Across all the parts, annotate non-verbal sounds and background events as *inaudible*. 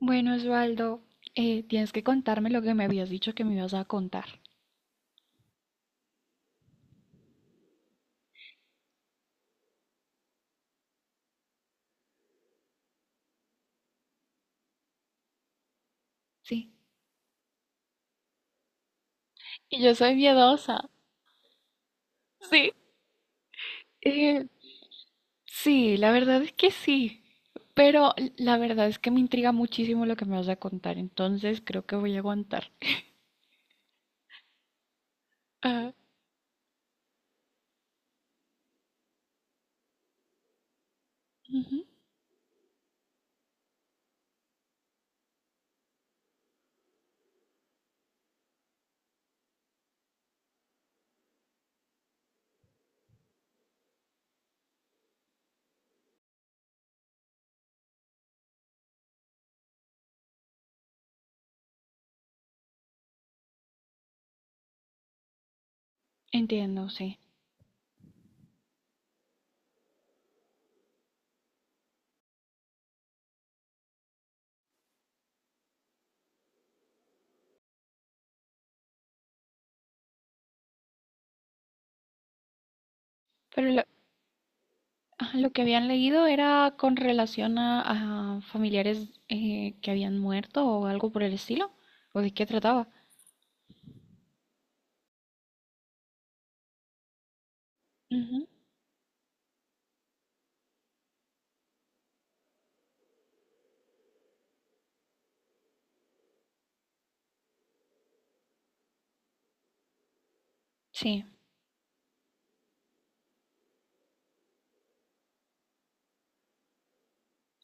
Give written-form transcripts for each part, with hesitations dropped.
Bueno, Osvaldo, tienes que contarme lo que me habías dicho que me ibas a contar. ¿Sí? Y yo soy miedosa. Sí. Eh, sí, la verdad es que sí, pero la verdad es que me intriga muchísimo lo que me vas a contar, entonces creo que voy a aguantar. Ah. Ujú. Entiendo, sí. Pero lo, lo que habían leído era con relación a familiares que habían muerto o algo por el estilo, ¿o de qué trataba? Ujú. Sí,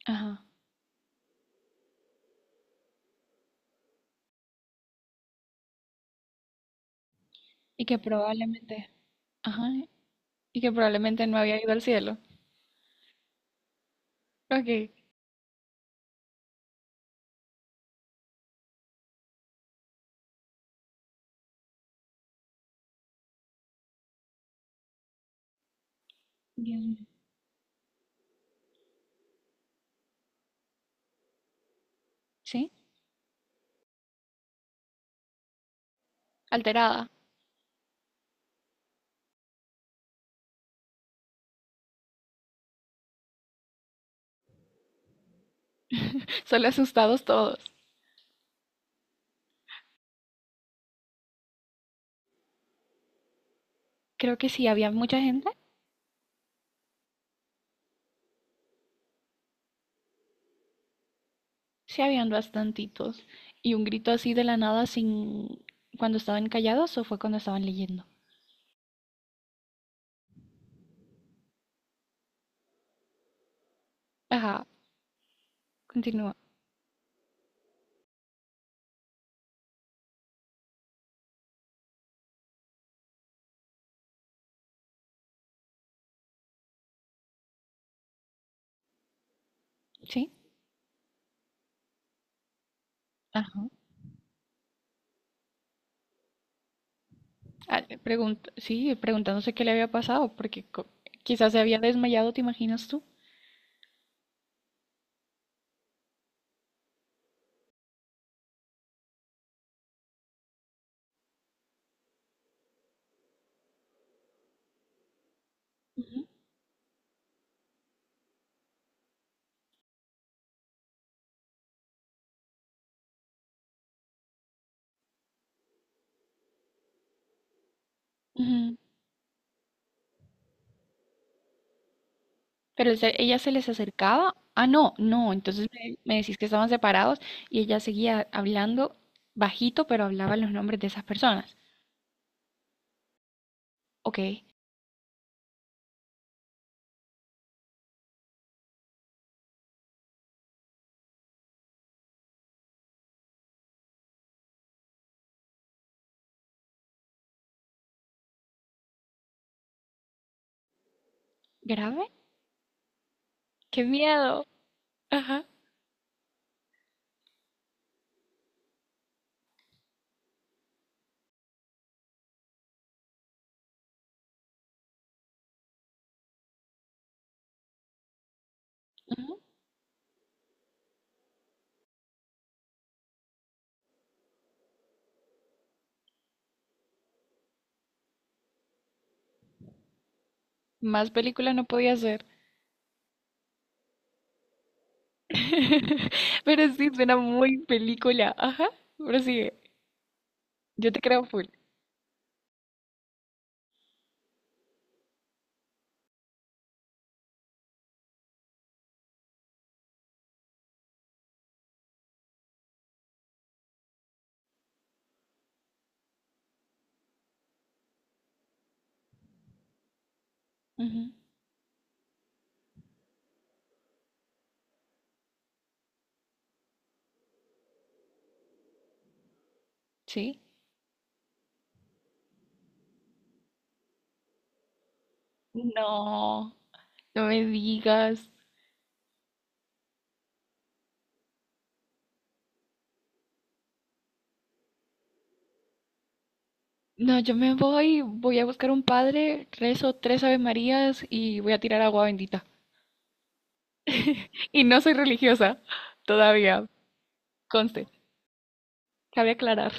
ajá. Y que probablemente... Ajá, y que probablemente no había ido al cielo. Ok. Dios mío. ¿Sí? Alterada. *laughs* Solo asustados todos. Creo que sí, había mucha gente. Sí, habían bastantitos. Y un grito así de la nada sin... ¿cuando estaban callados o fue cuando estaban leyendo? Ajá, continúa. ¿Sí? Ajá. Sí, preguntándose qué le había pasado, quizás se había desmayado, ¿te imaginas tú? Ujú. Ujú. Ella se les acercaba. Ah, no, no. Entonces me decís que estaban separados y ella seguía hablando bajito, pero hablaba los nombres de esas personas. Ok. ¿Grave? ¡Qué miedo! Ajá. Ujú. Más película no podía ser. *laughs* Pero sí, suena muy película. Ajá. Pero sigue. Yo te creo full. Ujú. ¿Sí? No, no me digas. No, yo me voy, voy a buscar un padre, rezo tres Ave Marías y voy a tirar agua bendita. Y no soy religiosa todavía, conste, cabe aclarar.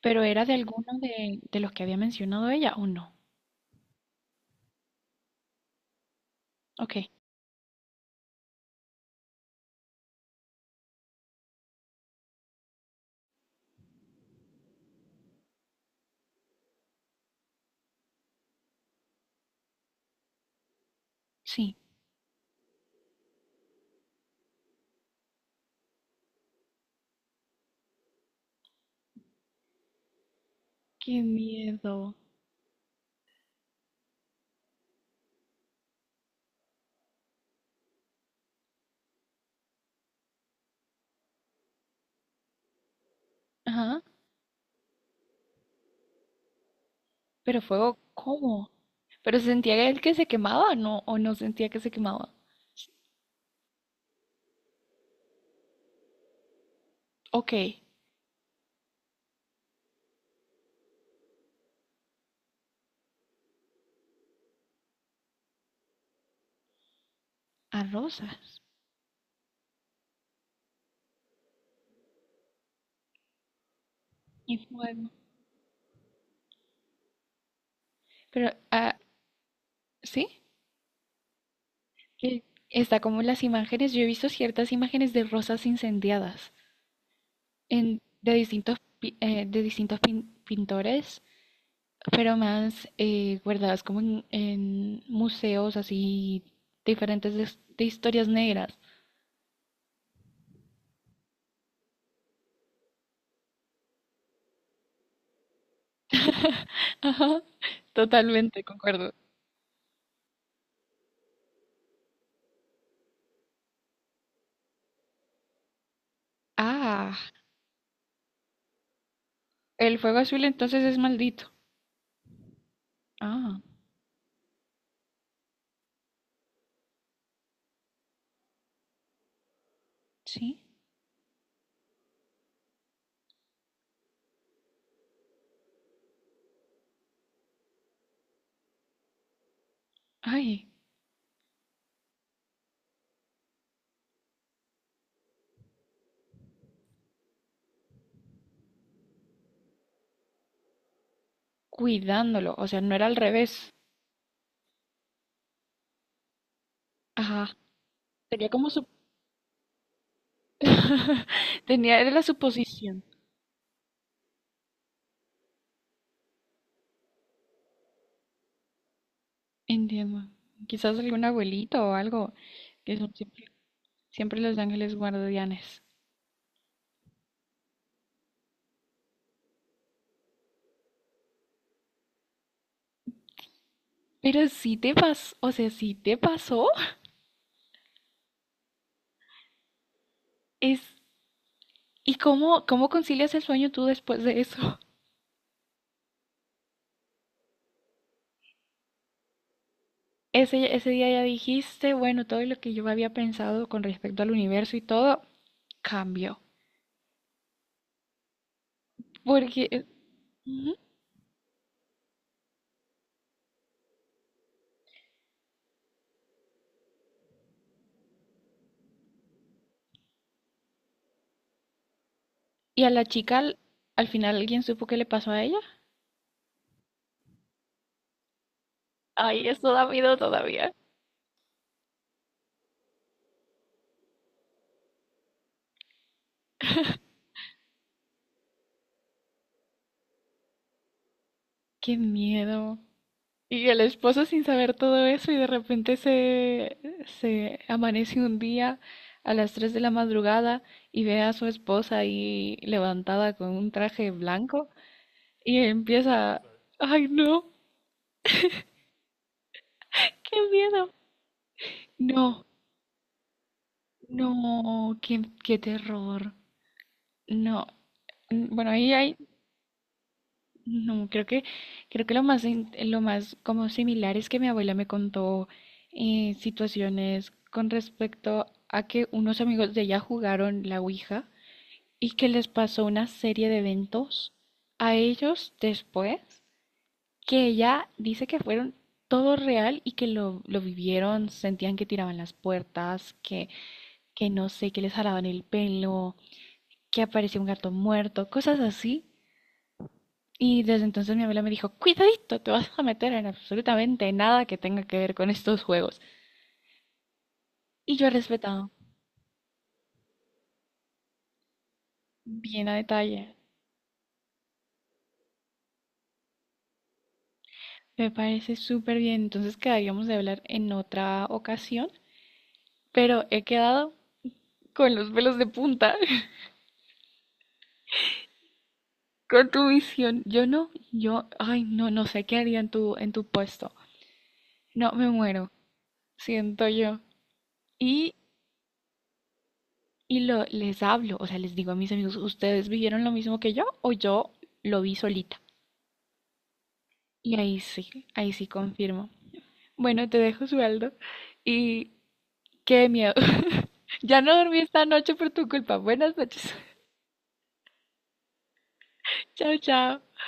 Pero era de alguno de los que había mencionado ella o no. Ok, sí. Qué miedo. Ajá. Pero fuego, ¿cómo? Pero se sentía él que se quemaba, ¿no? O no sentía que se quemaba. Ok, a rosas y fuego. Pero, ah, ¿Sí? Que está como las imágenes. Yo he visto ciertas imágenes de rosas incendiadas en, de distintos, de distintos pintores, pero más guardadas como en museos así diferentes de historias negras. *laughs* Ajá, totalmente, concuerdo. Ah, el fuego azul entonces es maldito. Ah, sí. Ay, cuidándolo, o sea, no era al revés. Ajá, tenía como su... *laughs* tenía, era la suposición. Entiendo. Quizás algún abuelito o algo, que son siempre, siempre los ángeles guardianes. Pero sí te pasó, o sea, sí te pasó. Es, ¿y cómo, cómo concilias el sueño tú después de eso? *laughs* Ese día ya dijiste, bueno, todo lo que yo había pensado con respecto al universo y todo cambió. Porque, ujú. ¿Y a la chica al final alguien supo qué le pasó a ella? Ay, eso da miedo todavía. Qué miedo. Y el esposo sin saber todo eso y de repente se amanece un día a las 3 de la madrugada y ve a su esposa ahí levantada con un traje blanco y empieza. Ay, no, qué miedo. No, no, qué, qué terror. No. Bueno, ahí hay, no, creo que lo más, lo más como similar es que mi abuela me contó situaciones con respecto a que unos amigos de ella jugaron la Ouija y que les pasó una serie de eventos a ellos después, que ella dice que fueron todo real y que lo vivieron, sentían que tiraban las puertas, que no sé, que les jalaban el pelo, que aparecía un gato muerto, cosas así. Y desde entonces mi abuela me dijo, cuidadito, te vas a meter en absolutamente nada que tenga que ver con estos juegos. Y yo he respetado bien a detalle. Me parece súper bien. Entonces quedaríamos de hablar en otra ocasión, pero he quedado con los pelos de punta. Con tu visión. Yo no, yo, ay, no, no sé qué haría en tu puesto. No, me muero, siento yo. Y, y lo, les hablo, o sea, les digo a mis amigos, ¿ustedes vivieron lo mismo que yo o yo lo vi solita? Y ahí sí confirmo. Bueno, te dejo, Sueldo. Y qué miedo. *laughs* Ya no dormí esta noche por tu culpa. Buenas noches. *laughs* Chao, chao.